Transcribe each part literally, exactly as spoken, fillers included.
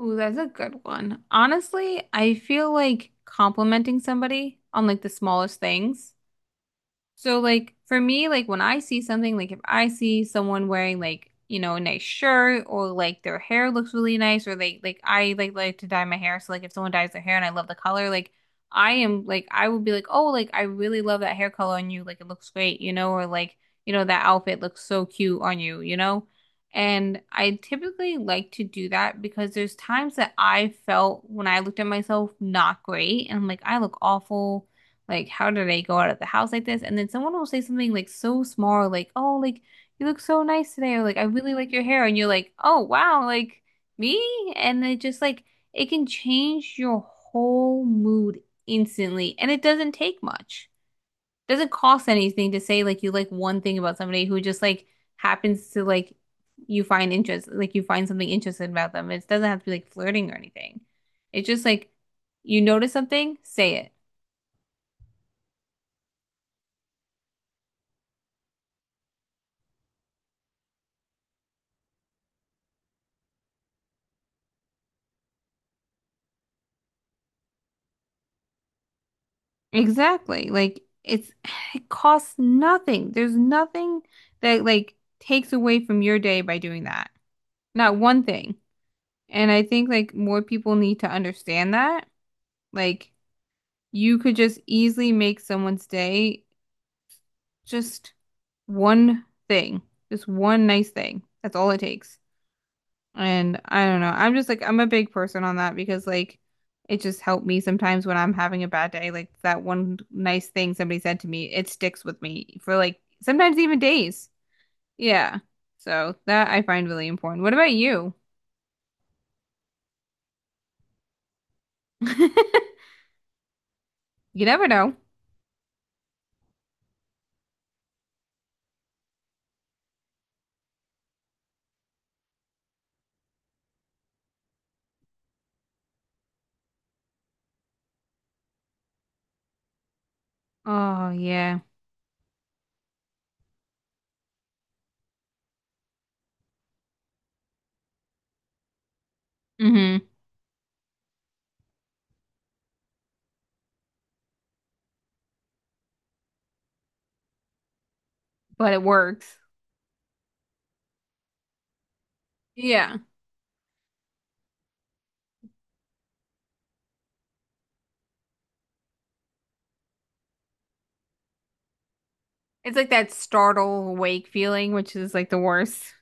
Ooh, that's a good one. Honestly, I feel like complimenting somebody on like the smallest things. So like for me, like when I see something, like if I see someone wearing like, you know, a nice shirt or like their hair looks really nice or they like I like like to dye my hair. So like if someone dyes their hair and I love the color, like I am like I would be like, "Oh, like I really love that hair color on you. Like it looks great, you know, or like, you know, that outfit looks so cute on you, you know?" And I typically like to do that because there's times that I felt when I looked at myself not great and I'm like, "I look awful." Like, how did I go out of the house like this? And then someone will say something like so small, like, oh, like, you look so nice today, or like, I really like your hair. And you're like, oh, wow, like, me? And it just like, it can change your whole mood instantly. And it doesn't take much. Doesn't cost anything to say like you like one thing about somebody who just like happens to like, you find interest, like, you find something interesting about them. It doesn't have to be like flirting or anything. It's just like, you notice something, say it. Exactly. Like it's it costs nothing. There's nothing that like takes away from your day by doing that. Not one thing. And I think like more people need to understand that. Like you could just easily make someone's day just one thing. Just one nice thing. That's all it takes. And I don't know. I'm just like I'm a big person on that because like it just helped me sometimes when I'm having a bad day. Like that one nice thing somebody said to me, it sticks with me for like sometimes even days. Yeah. So that I find really important. What about you? You never know. Oh yeah. Hmm. But it works. Yeah. It's like that startle awake feeling, which is like the worst.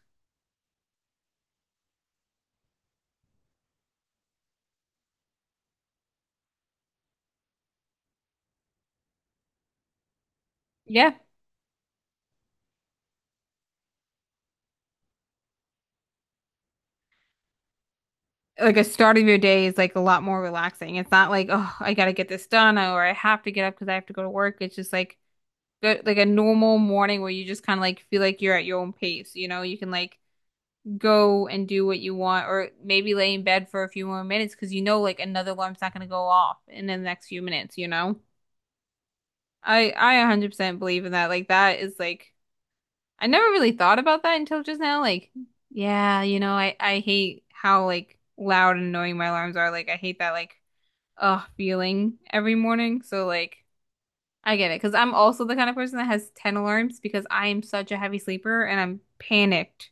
Yeah. Like a start of your day is like a lot more relaxing. It's not like, oh, I gotta get this done or I have to get up because I have to go to work. It's just like go, like a normal morning where you just kind of like feel like you're at your own pace. You know, you can like go and do what you want or maybe lay in bed for a few more minutes because you know like another alarm's not gonna go off in the next few minutes, you know? I I one hundred percent believe in that. Like that is like I never really thought about that until just now. Like, yeah, you know, I I hate how like loud and annoying my alarms are. Like I hate that like uh feeling every morning. So like I get it because I'm also the kind of person that has ten alarms because I am such a heavy sleeper and I'm panicked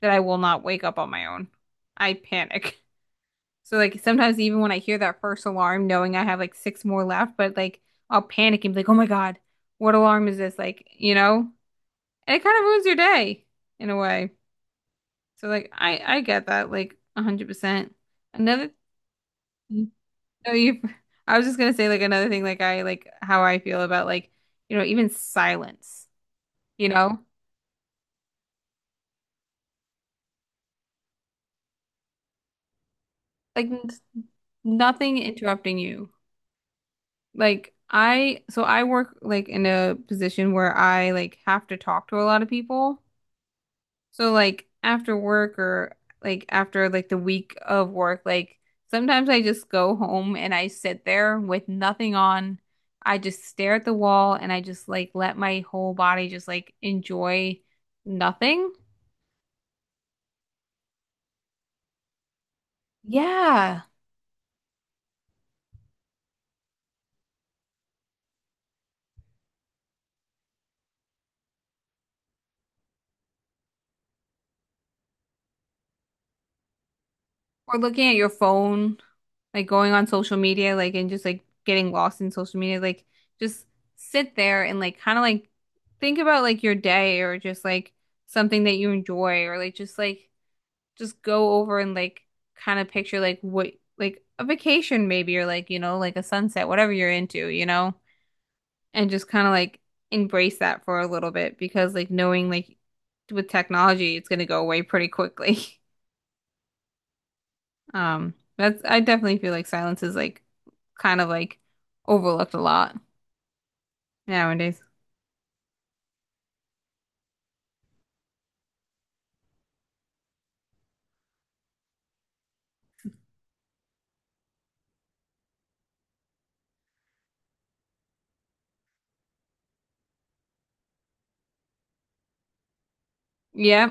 that I will not wake up on my own. I panic. So like sometimes even when I hear that first alarm, knowing I have like six more left, but like I'll panic and be like, oh my God, what alarm is this? Like, you know? And it kind of ruins your day in a way. So like I I get that like one hundred percent. Another. No, you. I was just gonna say like another thing, like I like how I feel about like you know even silence, you know, like n- nothing interrupting you. Like I, so I work like in a position where I like have to talk to a lot of people. So like after work or like after like the week of work, like sometimes I just go home and I sit there with nothing on. I just stare at the wall and I just like let my whole body just like enjoy nothing. Yeah. Or looking at your phone, like going on social media, like and just like getting lost in social media, like just sit there and like kind of like think about like your day or just like something that you enjoy or like just like just go over and like kind of picture like what like a vacation maybe or like you know like a sunset, whatever you're into, you know, and just kind of like embrace that for a little bit because like knowing like with technology it's going to go away pretty quickly. um that's I definitely feel like silence is like kind of like overlooked a lot nowadays. Yeah.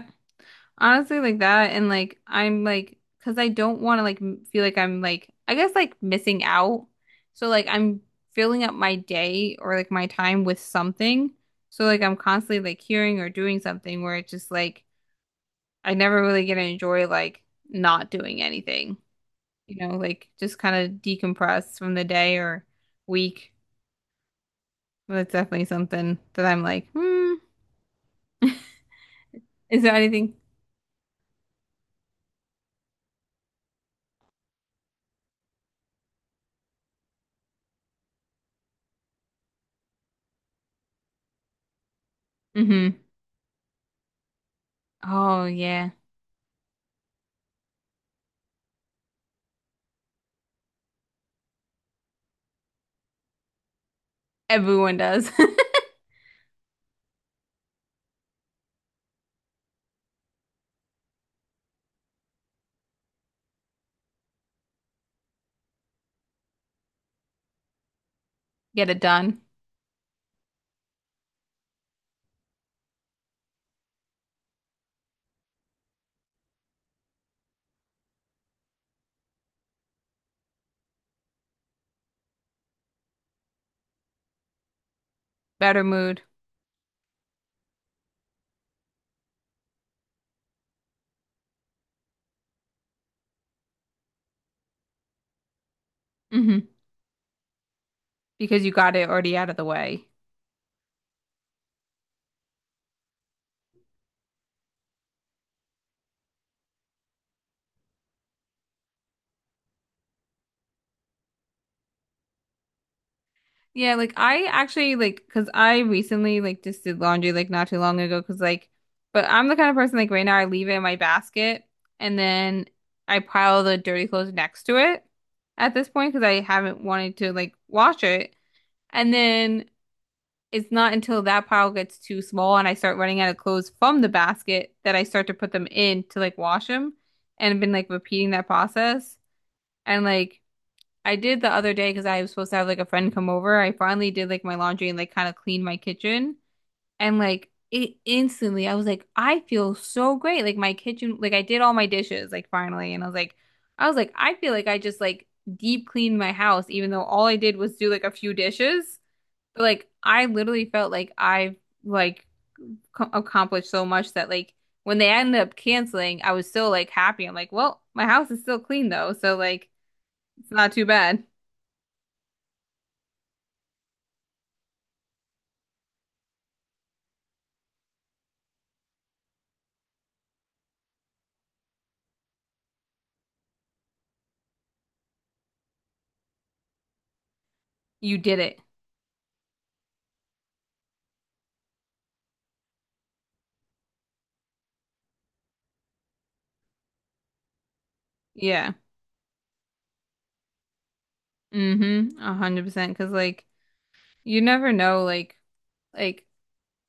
Honestly, like that, and like I'm like, because I don't want to like m- feel like I'm like, I guess like missing out. So like I'm filling up my day or like my time with something. So like I'm constantly like hearing or doing something where it's just like I never really get to enjoy like not doing anything, you know, like just kind of decompress from the day or week. But that's definitely something that I'm like, hmm, is there anything? Mm-hmm. Oh, yeah. Everyone does. Get it done. Better mood. Hmm. Because you got it already out of the way. Yeah, like I actually like because I recently like just did laundry like not too long ago because like but I'm the kind of person like right now I leave it in my basket and then I pile the dirty clothes next to it at this point because I haven't wanted to like wash it, and then it's not until that pile gets too small and I start running out of clothes from the basket that I start to put them in to like wash them, and I've been like repeating that process. And like I did the other day because I was supposed to have like a friend come over. I finally did like my laundry and like kind of cleaned my kitchen. And like it instantly, I was like, I feel so great. Like my kitchen, like I did all my dishes like finally. And I was like, I was like, I feel like I just like deep cleaned my house, even though all I did was do like a few dishes. But like I literally felt like I've like co- accomplished so much that like when they ended up canceling, I was still like happy. I'm like, well, my house is still clean though. So like it's not too bad. You did it. Yeah. Mm-hmm. A hundred percent. Cause like you never know like like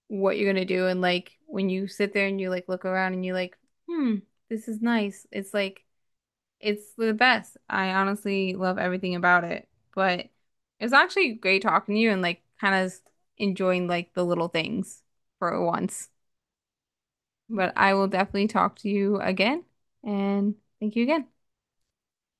what you're gonna do. And like when you sit there and you like look around and you like, hmm, this is nice. It's like it's the best. I honestly love everything about it. But it's actually great talking to you and like kind of enjoying like the little things for once. But I will definitely talk to you again and thank you again.